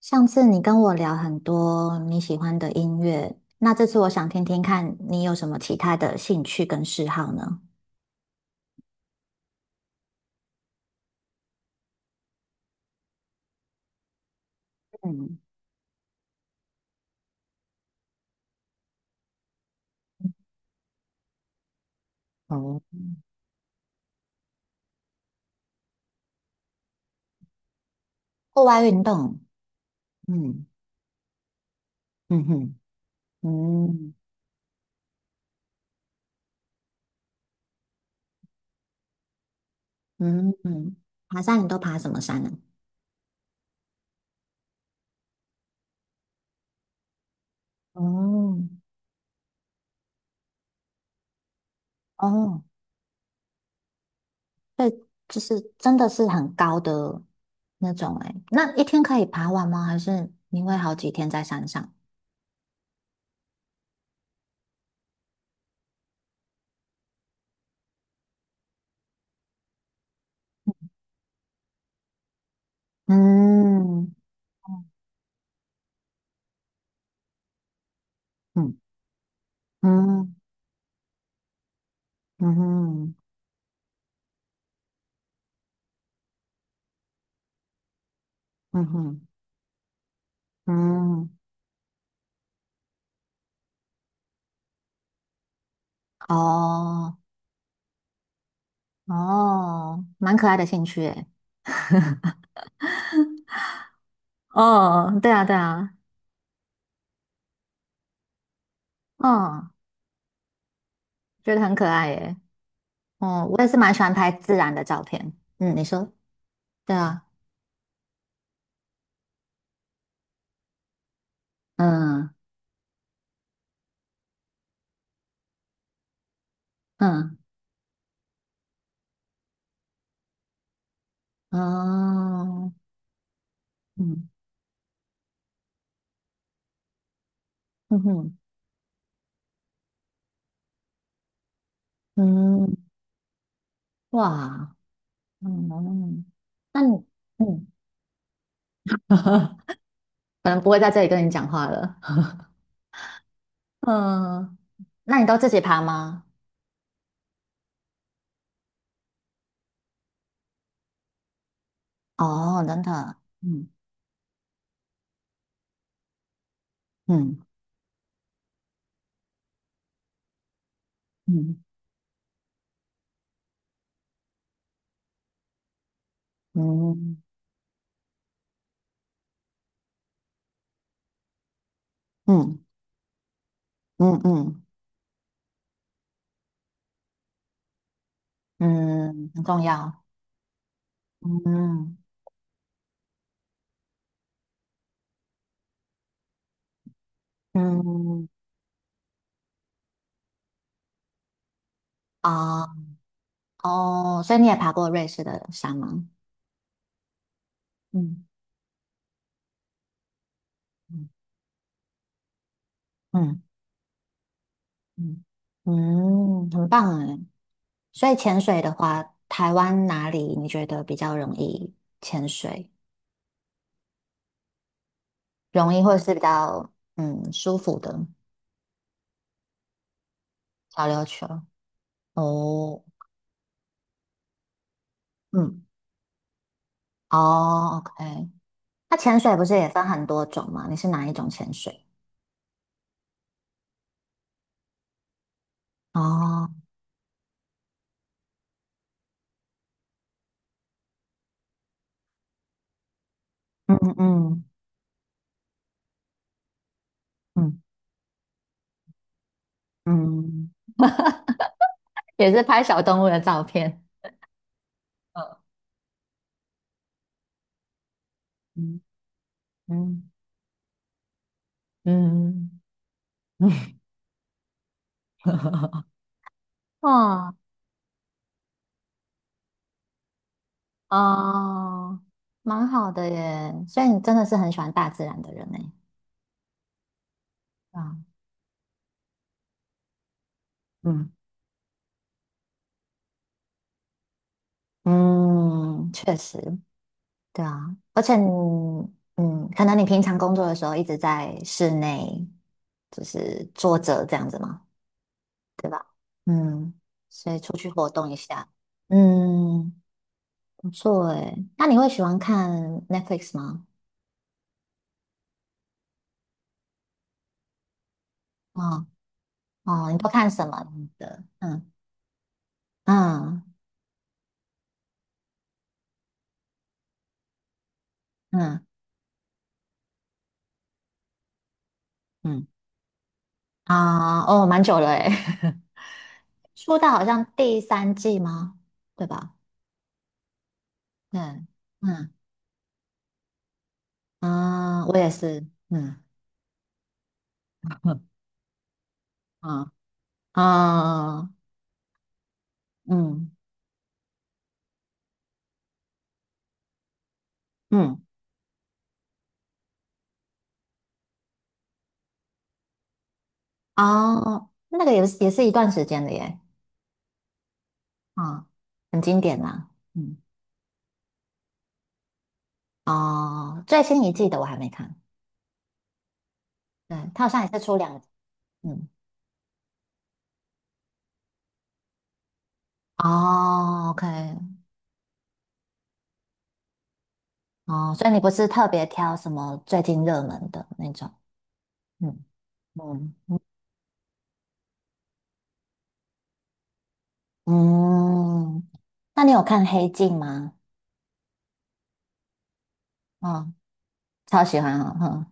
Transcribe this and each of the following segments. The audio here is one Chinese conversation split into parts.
上次你跟我聊很多你喜欢的音乐，那这次我想听听看你有什么其他的兴趣跟嗜好呢？嗯。哦。户外运动，嗯。嗯哼。嗯嗯。嗯。爬山你都爬什么山呢？哦。哦，对，就是真的是很高的那种诶，那一天可以爬完吗？还是你会好几天在山上？嗯。嗯。嗯。嗯。嗯。嗯。嗯。嗯。哦。哦，蛮可爱的兴趣诶。哦，对啊对啊。嗯，觉得很可爱耶。哦，我也是蛮喜欢拍自然的照片。嗯，你说？对啊。嗯。嗯。哦。嗯。嗯哼。嗯。哇。嗯。那你。嗯。可能不会在这里跟你讲话了。嗯。那你都自己爬吗？哦，真的，嗯。嗯。嗯。嗯。嗯。嗯。嗯。嗯，很重要。嗯。嗯。啊。哦，所以你也爬过瑞士的山吗？嗯。嗯。嗯。嗯，嗯，很棒哎。所以潜水的话，台湾哪里你觉得比较容易潜水？容易或是比较嗯舒服的。小琉球？哦。嗯。哦，OK。那潜水不是也分很多种吗？你是哪一种潜水？哦。嗯。嗯。嗯。嗯。也是拍小动物的照片。嗯，嗯。嗯。嗯。哇。哦，蛮好的耶。所以你真的是很喜欢大自然的人呢。对啊。嗯。嗯，确实，对啊。而且你，嗯，可能你平常工作的时候一直在室内，就是坐着这样子嘛，对吧？嗯，所以出去活动一下，嗯，不错诶。那你会喜欢看 Netflix 吗？哦。哦，你都看什么样的？嗯。嗯。嗯。嗯。啊，哦，蛮久了诶，出道好像第3季吗？对吧？嗯。嗯。啊，我也是，嗯。嗯。啊。嗯。嗯。哦，那个也是也是一段时间的耶，啊，很经典啦，嗯。哦，最新一季的我还没看，对，它好像也是出两，嗯。哦，OK。 哦，所以你不是特别挑什么最近热门的那种？嗯。嗯。嗯。那你有看《黑镜》吗？嗯，超喜欢哦，嗯。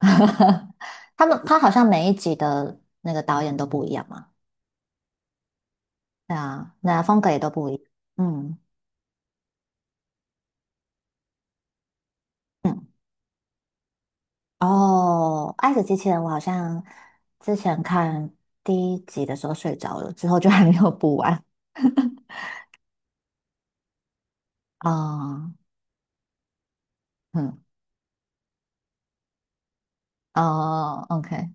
他们他好像每一集的那个导演都不一样嘛，对啊，那风格也都不一样。嗯。嗯。哦，《爱死机器人》我好像之前看第1集的时候睡着了，之后就还没有补完。哦。嗯。哦，OK。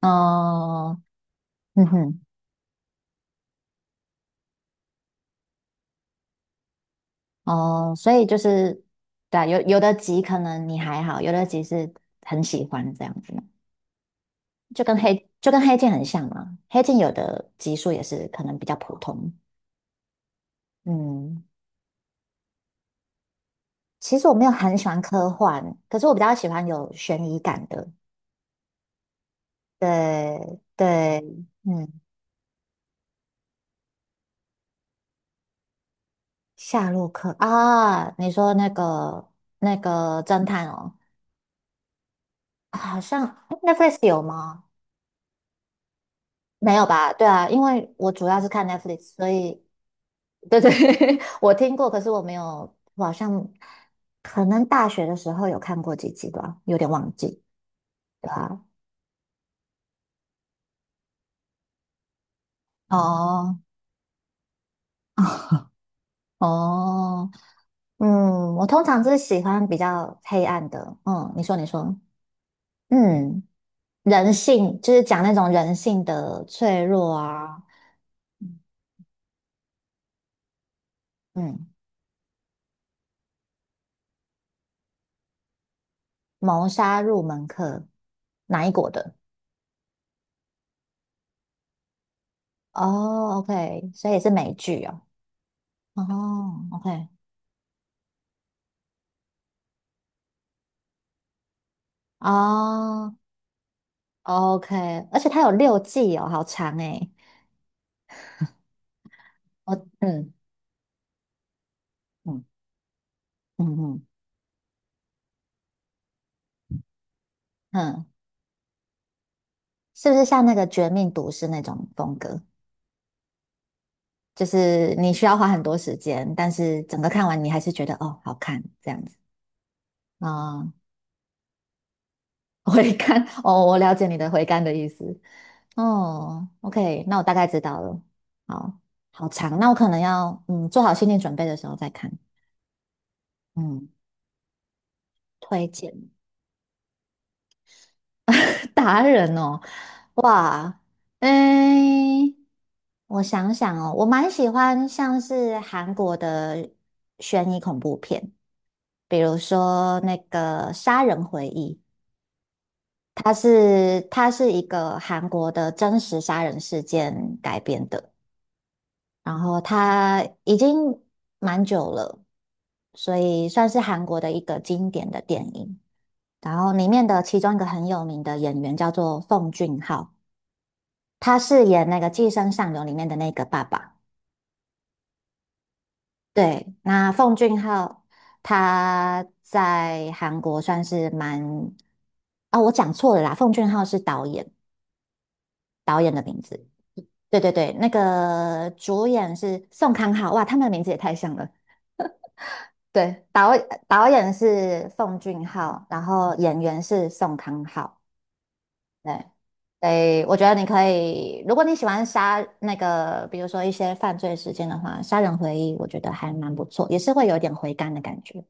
哦。嗯哼。哦，所以就是，对啊，有的集可能你还好，有的集是很喜欢这样子嘛。就跟黑镜很像嘛。黑镜有的集数也是可能比较普通。嗯。其实我没有很喜欢科幻，可是我比较喜欢有悬疑感的。对对。嗯。夏洛克啊，你说那个那个侦探哦，好像。诶 Netflix 有吗？没有吧？对啊，因为我主要是看 Netflix，所以对对，我听过，可是我没有，我好像可能大学的时候有看过几集吧，有点忘记，对啊。哦。 哦。嗯，我通常是喜欢比较黑暗的，嗯，你说你说，嗯，人性就是讲那种人性的脆弱啊，嗯。谋杀入门课，哪一国的？哦，OK，所以是美剧哦，哦，OK。哦，OK，而且它有6季哦，好长诶。我。嗯。嗯。嗯。嗯。嗯。是不是像那个《绝命毒师》那种风格？就是你需要花很多时间，但是整个看完你还是觉得哦好看这样子。啊、回甘 哦，我了解你的回甘的意思。哦。OK，那我大概知道了。好。好长，那我可能要嗯做好心理准备的时候再看。嗯。推荐 达人哦，哇，诶。我想想哦，我蛮喜欢像是韩国的悬疑恐怖片，比如说那个《杀人回忆》，它是一个韩国的真实杀人事件改编的，然后它已经蛮久了，所以算是韩国的一个经典的电影。然后里面的其中一个很有名的演员叫做奉俊昊，他饰演那个《寄生上流》里面的那个爸爸。对，那奉俊昊他在韩国算是蛮……啊、我讲错了啦，奉俊昊是导演，导演的名字。对对对，那个主演是宋康昊，哇，他们的名字也太像了。对，导演是奉俊昊，然后演员是宋康昊。对。对，我觉得你可以，如果你喜欢杀那个，比如说一些犯罪事件的话，《杀人回忆》我觉得还蛮不错，也是会有点回甘的感觉。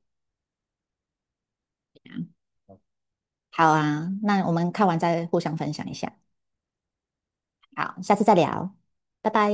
好啊，那我们看完再互相分享一下。好，下次再聊，拜拜。